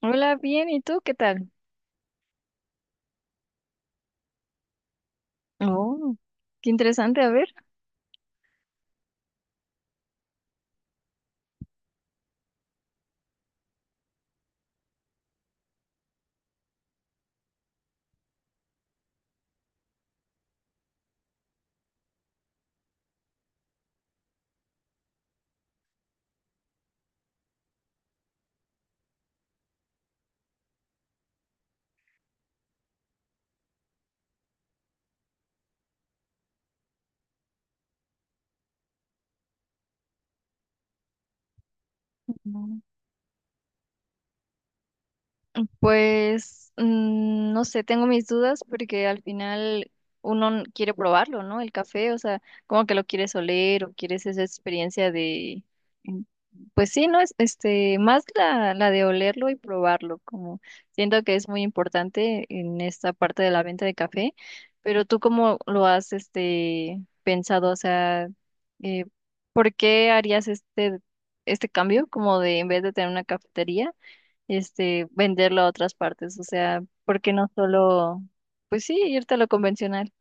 Hola, bien, ¿y tú qué tal? Oh, qué interesante, a ver. No. Pues no sé, tengo mis dudas porque al final quiere probarlo, ¿no? El café, o sea, como que lo quieres oler o quieres esa experiencia de, mm, pues sí, ¿no? Es, este, más la de olerlo y probarlo, como siento que es muy importante en esta parte de la venta de café, pero tú cómo lo has, este, pensado, o sea, eh, ¿por qué harías este cambio como de en vez de tener una cafetería? Este, venderlo a otras partes. O sea, ¿por qué no solo, pues sí, irte a lo convencional?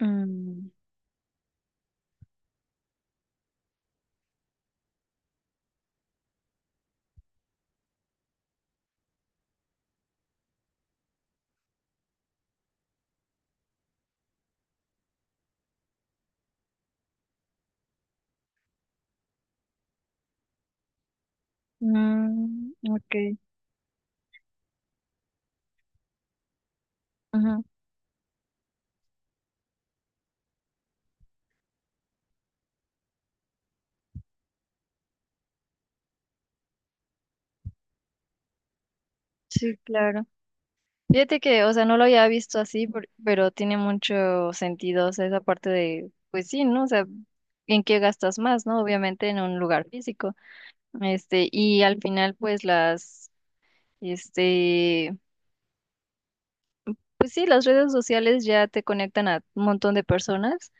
Mm, mm, ok. Ujú. Sí, claro. Fíjate que, o sea, no lo había visto así, pero tiene mucho sentido, o sea, esa parte de, pues sí, ¿no? O sea, ¿en qué gastas más, no? Obviamente en un lugar físico. Este, y al final, pues las, este, pues sí, las redes sociales ya te conectan a un montón de personas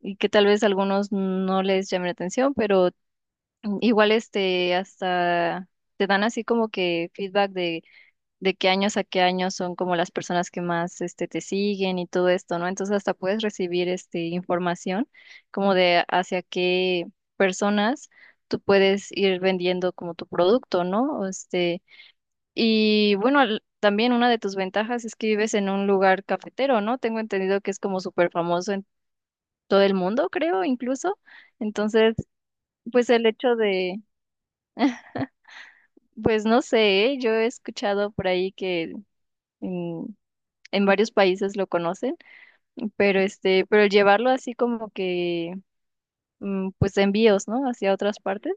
y que tal vez algunos no les llame la atención, pero igual este hasta te dan así como que feedback de qué años a qué años son como las personas que más este te siguen y todo esto, ¿no? Entonces hasta puedes recibir este información como de hacia qué personas tú puedes ir vendiendo como tu producto, ¿no? O este, y bueno, también una de tus ventajas es que vives en un lugar cafetero, ¿no? Tengo entendido que es como súper famoso todo el mundo, creo, incluso. Entonces, pues el hecho de, pues no sé, ¿eh? Yo he escuchado por ahí que en, en varios países lo conocen, pero este, pero el llevarlo así como que, pues envíos, ¿no? Hacia otras partes.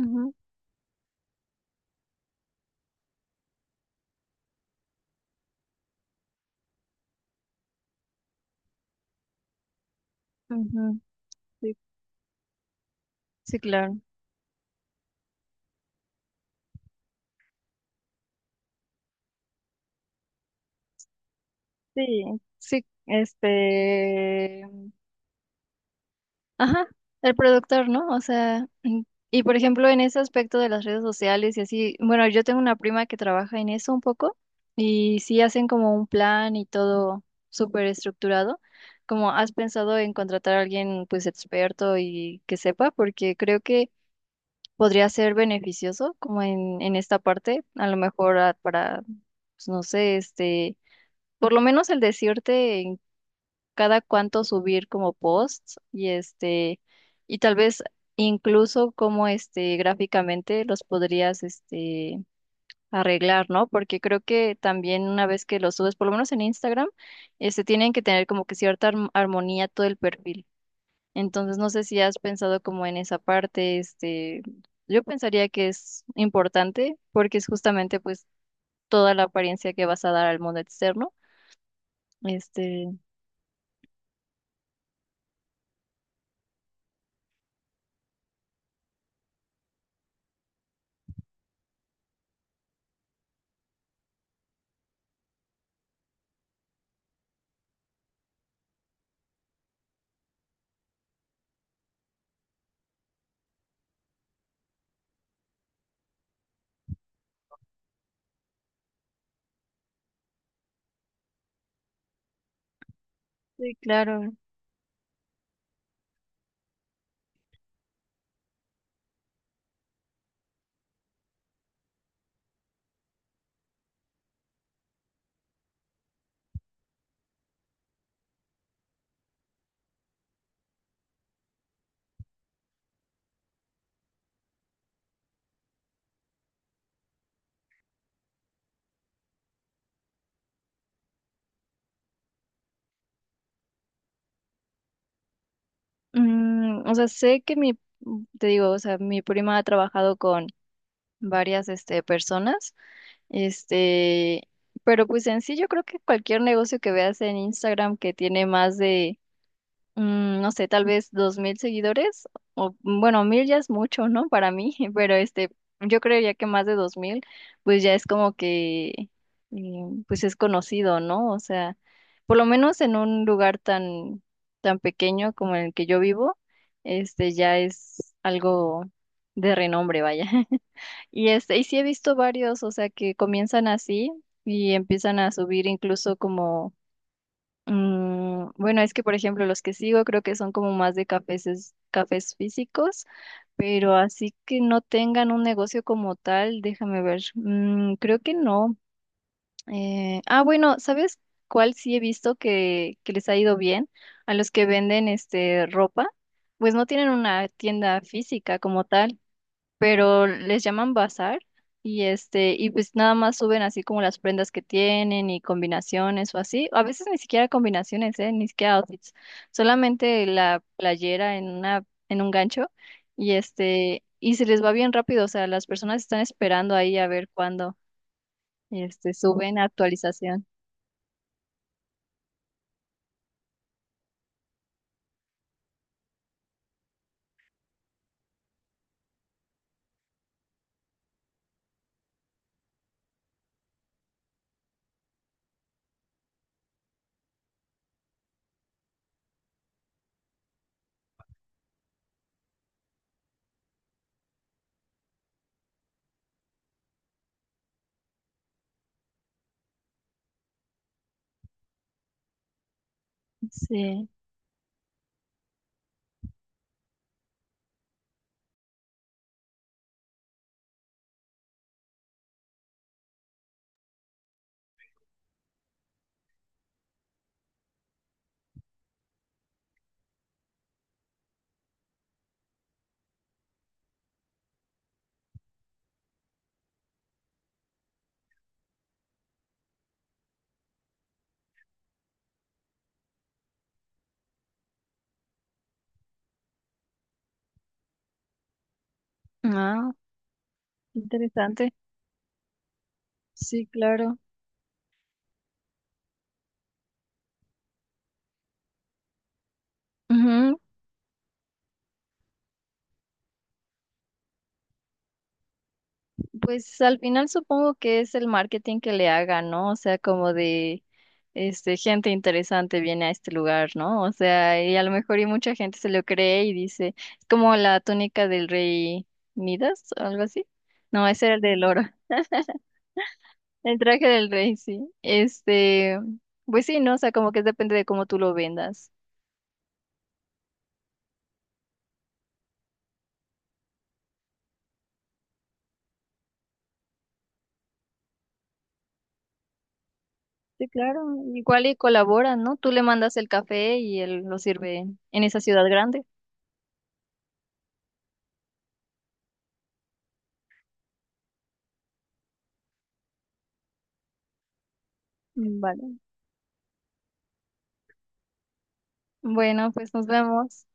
Ujú, ujú. Sí, sí, claro. Sí, sí, este. Ajá, el productor, ¿no? O sea, y por ejemplo, en ese aspecto de las redes sociales y así, bueno, yo tengo una prima que trabaja en eso un poco y sí hacen como un plan y todo súper estructurado. Como has pensado en contratar a alguien pues experto y que sepa, porque creo que podría ser beneficioso como en esta parte, a lo mejor para, pues, no sé, este, por lo menos el decirte cada cuánto subir como posts y este, y tal vez incluso como este gráficamente los podrías este arreglar, ¿no? Porque creo que también una vez que los subes, por lo menos en Instagram, este tienen que tener como que cierta armonía todo el perfil. Entonces no sé si has pensado como en esa parte, este, yo pensaría que es importante porque es justamente pues toda la apariencia que vas a dar al mundo externo. Este, sí, claro. O sea, sé que mi, te digo, o sea, mi prima ha trabajado con varias, este, personas, este, pero pues en sí yo creo que cualquier negocio que veas en Instagram que tiene más de no sé, tal vez 2.000 seguidores, o bueno, 1.000 ya es mucho, ¿no? Para mí, pero este, yo creería que más de 2.000, pues ya es como que, eh, pues es conocido, ¿no? O sea, por lo menos en un lugar tan, tan pequeño como el que yo vivo, este, ya es algo de renombre, vaya. Y este, y sí he visto varios, o sea, que comienzan así y empiezan a subir incluso como bueno, es que por ejemplo los que sigo creo que son como más de cafés, cafés físicos, pero así que no tengan un negocio como tal, déjame ver. Creo que no. Bueno, ¿sabes cuál sí he visto que les ha ido bien? A los que venden este ropa, pues no tienen una tienda física como tal, pero les llaman bazar y este y pues nada más suben así como las prendas que tienen y combinaciones o así, a veces ni siquiera combinaciones, ni siquiera outfits, solamente la playera en una en un gancho y este y se les va bien rápido, o sea, las personas están esperando ahí a ver cuándo este suben actualización. Sí. Ah, interesante. Sí, claro. Ujú. Pues al final supongo que es el marketing que le haga, ¿no? O sea, como de este gente interesante viene a este lugar, ¿no? O sea, y a lo mejor y mucha gente se lo cree y dice, es como la túnica del rey Midas o algo así. No, ese era el del oro. El traje del rey, sí. Este, pues sí, ¿no? O sea, como que depende de cómo tú lo vendas. Sí, claro. Igual y colaboran, ¿no? Tú le mandas el café y él lo sirve en esa ciudad grande. Vale. Bueno, pues nos vemos.